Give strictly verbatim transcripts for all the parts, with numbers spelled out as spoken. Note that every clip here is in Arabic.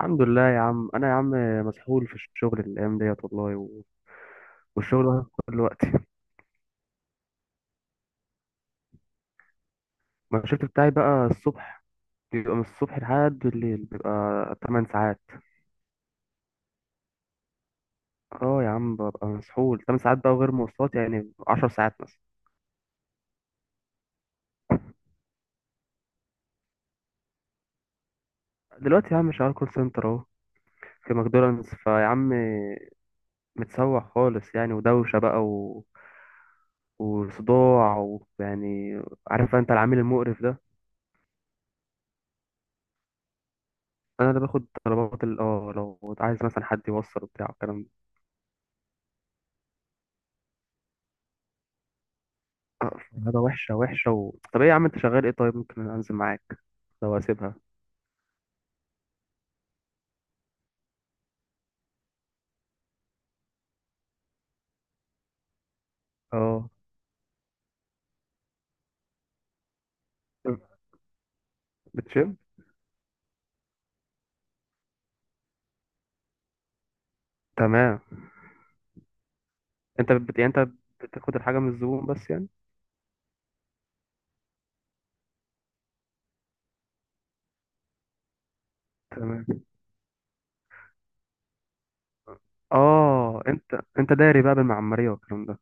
الحمد لله يا عم، انا يا عم مسحول في الشغل الايام ديت والله و... والشغل واخد كل وقتي. ما الشفت بتاعي بقى الصبح بيبقى من الصبح لحد بالليل، بيبقى 8 ساعات. اه يا عم، ببقى مسحول 8 ساعات بقى، وغير مواصلات يعني 10 ساعات مثلا. دلوقتي يا عم شغال كول سنتر اهو، في ماكدونالدز فيا عم. متسوح خالص يعني، ودوشة بقى و... وصداع ويعني، عارف انت العميل المقرف ده. انا اللي باخد طلبات ال- اه لو عايز مثلا حد يوصل، وبتاع الكلام ده. آه، هذا وحشه وحشه و... طب ايه يا عم، انت شغال ايه؟ طيب ممكن انزل معاك لو اسيبها. اه بتشم. تمام. انت بت... يعني انت بتاخد الحاجه من الزبون بس يعني. تمام. اه، انت انت داري بقى بالمعماريه والكلام ده.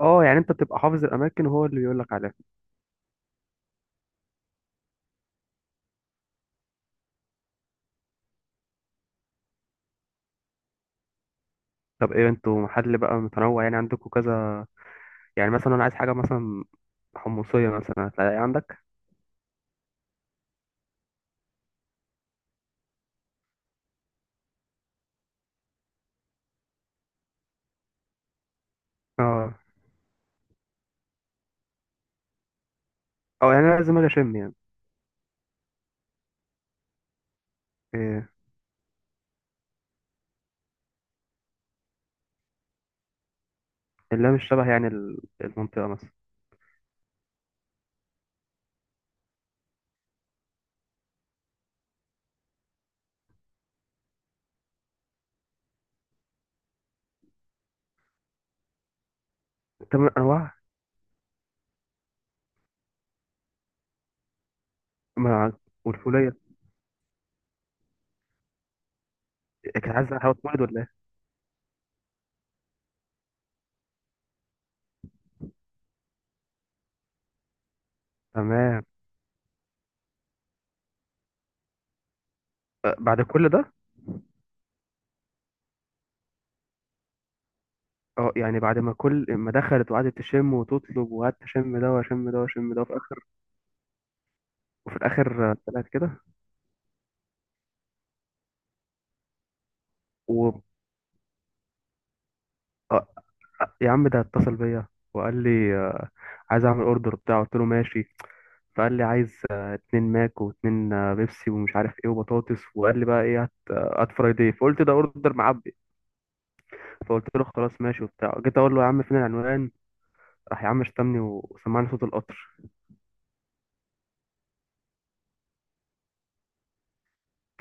اه، يعني انت بتبقى حافظ الاماكن وهو اللي بيقول لك عليها. طب ايه، انتوا محل بقى متنوع يعني، عندكم كذا. يعني مثلا انا عايز حاجه مثلا حمصيه مثلا، هتلاقي عندك؟ اه، اه، يعني انا لازم اجي اشم يعني. إيه؟ اللي هي مش شبه يعني ال- المنطقة مثلا. تمن أنواع. مع والفولية. كان عايز حاجة تولد ولا إيه؟ تمام. أه، بعد كل ده. اه يعني، بعد ما كل ما دخلت وقعدت تشم وتطلب، وقعدت اشم ده واشم ده واشم ده، وفي الاخر وفي الاخر آه، طلعت كده. و آه، يا عم ده اتصل بيا وقال لي آه، عايز اعمل اوردر بتاع. قلت له ماشي. فقال لي عايز آه، اتنين ماك واتنين آه، بيبسي، ومش عارف ايه وبطاطس، وقال لي بقى ايه، هات آه، هات فرايدي. فقلت ده اوردر معبي. فقلت له خلاص ماشي وبتاع، جيت اقول له يا عم فين العنوان. راح يا عم شتمني وسمعني صوت القطر.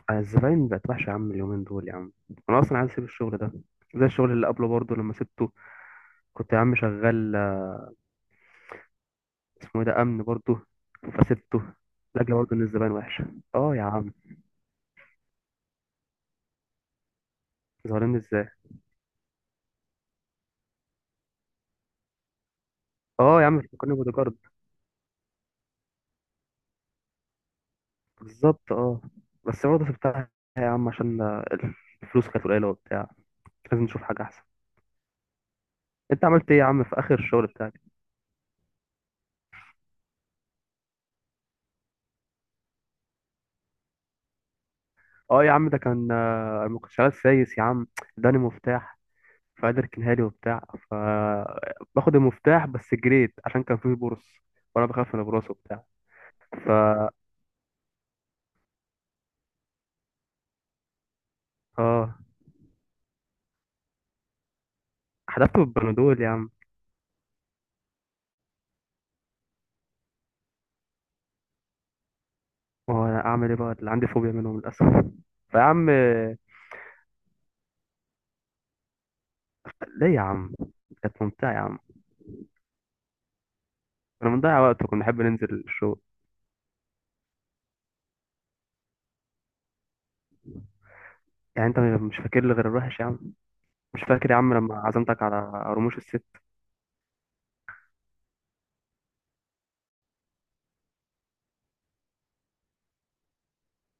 آه، الزباين بقت وحشه يا عم اليومين دول يا عم. انا اصلا عايز اسيب الشغل ده، زي الشغل اللي قبله برضه لما سبته. كنت يا عم شغال آه، اسمه ايه ده، امن برضه، فسبته. لاجل برضه ان الزباين وحشه. اه يا عم، ظالمني ازاي؟ اه يا عم، فكرني بودي جارد. بالظبط اه. بس برضه سبتها يا عم عشان آه، الفلوس كانت قليله وبتاع. لازم نشوف حاجه احسن. انت عملت ايه يا عم في اخر الشغل بتاعك؟ اه يا عم، ده كان آه، ما كنتش عايز سايس يا عم، اداني مفتاح. فقعد يركنها لي وبتاع، ف باخد المفتاح بس جريت عشان كان فيه برص، وانا بخاف من البرص وبتاع. ف اه حدفته بالبنادول يا عم. ما هو انا اعمل ايه بقى، اللي عندي فوبيا منهم للاسف. فيا عم آه، ليه يا عم؟ كانت ممتعه يا عم. كنا بنضيع وقت وكنا نحب ننزل الشغل. يعني انت مش فاكر لي غير الوحش يا عم؟ مش فاكر يا عم لما عزمتك على رموش الست؟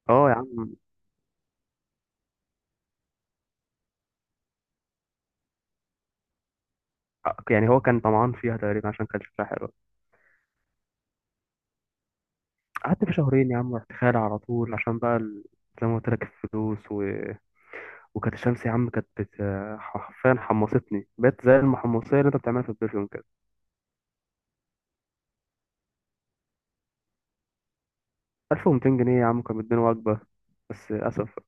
اه يا عم. يعني هو كان طمعان فيها تقريبا عشان كان شكلها حلو. قعدت في شهرين يا عم، رحت خالع على طول عشان بقى ال- زي ما قلت لك الفلوس و... وكانت الشمس يا عم كانت بت... حرفيا حمصتني، بقيت زي المحمصية اللي انت بتعملها في البرفيوم كده. ألف ومتين جنيه يا عم، كانوا بيدوني وجبة. بس للأسف.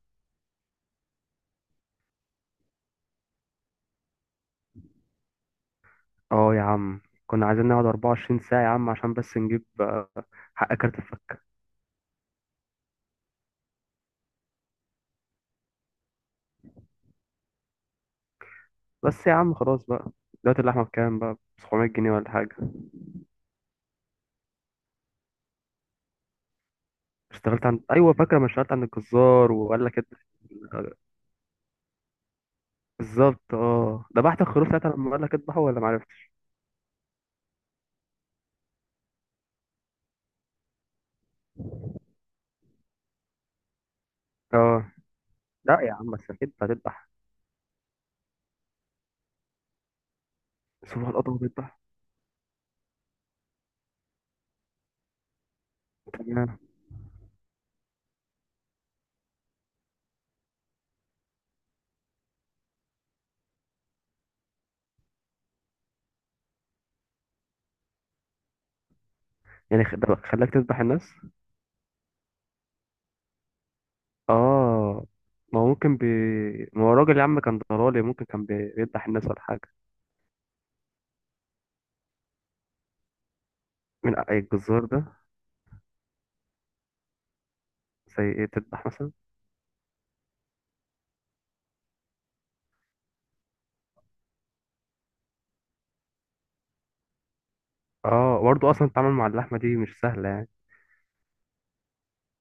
اه يا عم، كنا عايزين نقعد 24 ساعة يا عم عشان بس نجيب آه، حق كارت الفكة. بس يا عم خلاص بقى. دلوقتي اللحمة بكام بقى، سبعمية جنيه ولا حاجة؟ اشتغلت عند، أيوة فاكرة، ما اشتغلت عند الجزار وقال لك اد- بالظبط اه. ذبحت الخروف ساعتها لما قال لك اذبحه ولا معرفتش؟ اه. لا يا عم، بس اكيد هتذبح. سبحان الله بيذبح. تمام. يعني خ- ده خلاك تذبح الناس؟ اه، ما هو ممكن بي ما هو الراجل يا عم كان ضرالي، ممكن كان بي- بيذبح الناس ولا حاجة. من أ- إيه، الجزار ده؟ زي ايه، تذبح مثلا؟ اه، برضه اصلا التعامل مع اللحمة دي مش سهلة يعني.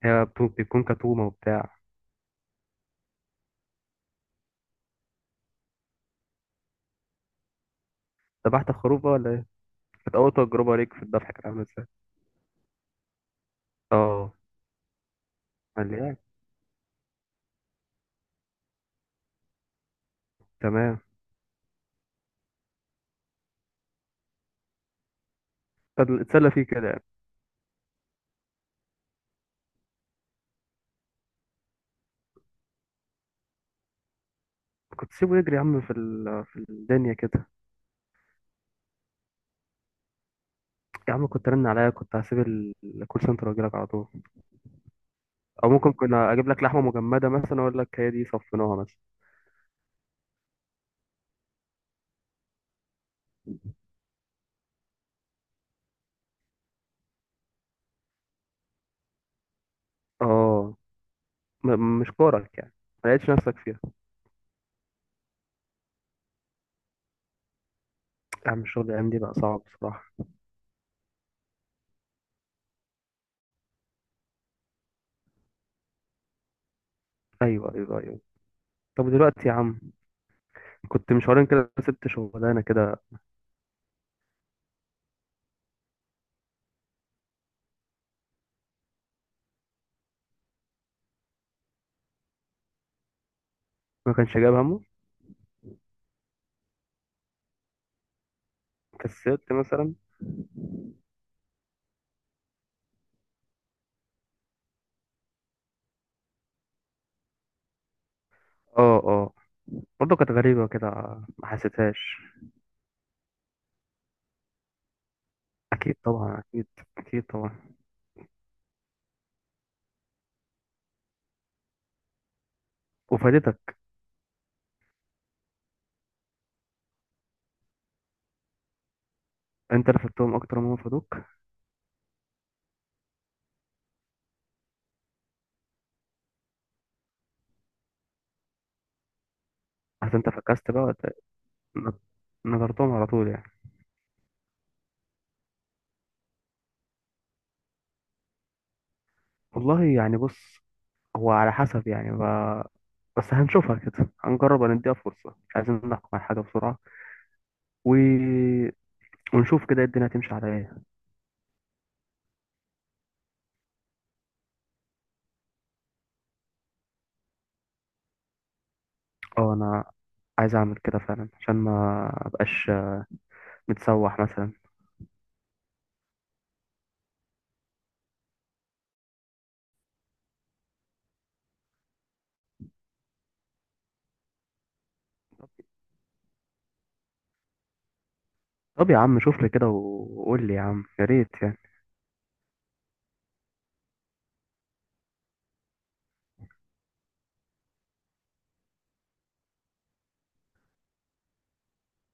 هي بتو- بتكون كتومة وبتاع. ذبحت خروف بقى ولا ايه؟ كانت أول تجربة ليك في الذبح كانت عاملة ازاي؟ اه. قال لي إيه؟ تمام. طب اتسلى فيه كده يعني. كنت سيبه يجري يا عم في ال... في الدنيا كده. يا عم كنت رن عليا، كنت هسيب ال- الكول سنتر واجي لك على طول. او ممكن كنا اجيب لك لحمه مجمده مثلا، اقول لك هي دي صفيناها مثلا. اه، م- مش كورك يعني. ما لقيتش نفسك فيها. يا عم الشغل الايام دي بقى صعب بصراحه. ايوه، ايوه، ايوه. طب دلوقتي يا عم، كنت من شهرين كده سبت شغلانه كده. ما كانش جايب همه. كسلت مثلا؟ اه، اه. برضه كانت غريبه كده. ما حسيتهاش. اكيد طبعا، اكيد. اكيد طبعا. وفادتك؟ انت اللي فدتهم اكتر ما هم فادوك. عشان انت فكست بقى وت- نضرتهم على طول يعني. والله يعني بص، هو على حسب يعني ب... بس هنشوفها كده، هنجرب نديها فرصة، مش عايزين نحكم على حاجة بسرعة و... ونشوف كده الدنيا هتمشي على ايه. اه، انا عايز اعمل كده فعلا عشان ما ابقاش متسوح مثلا. طب يا عم شوف لي كده وقول لي يا عم يا ريت يعني.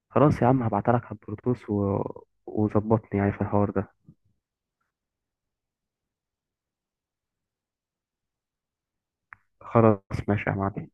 خلاص يا عم، هبعتلك على البلوتوث و... وظبطني يعني في الحوار ده. خلاص ماشي يا معلم.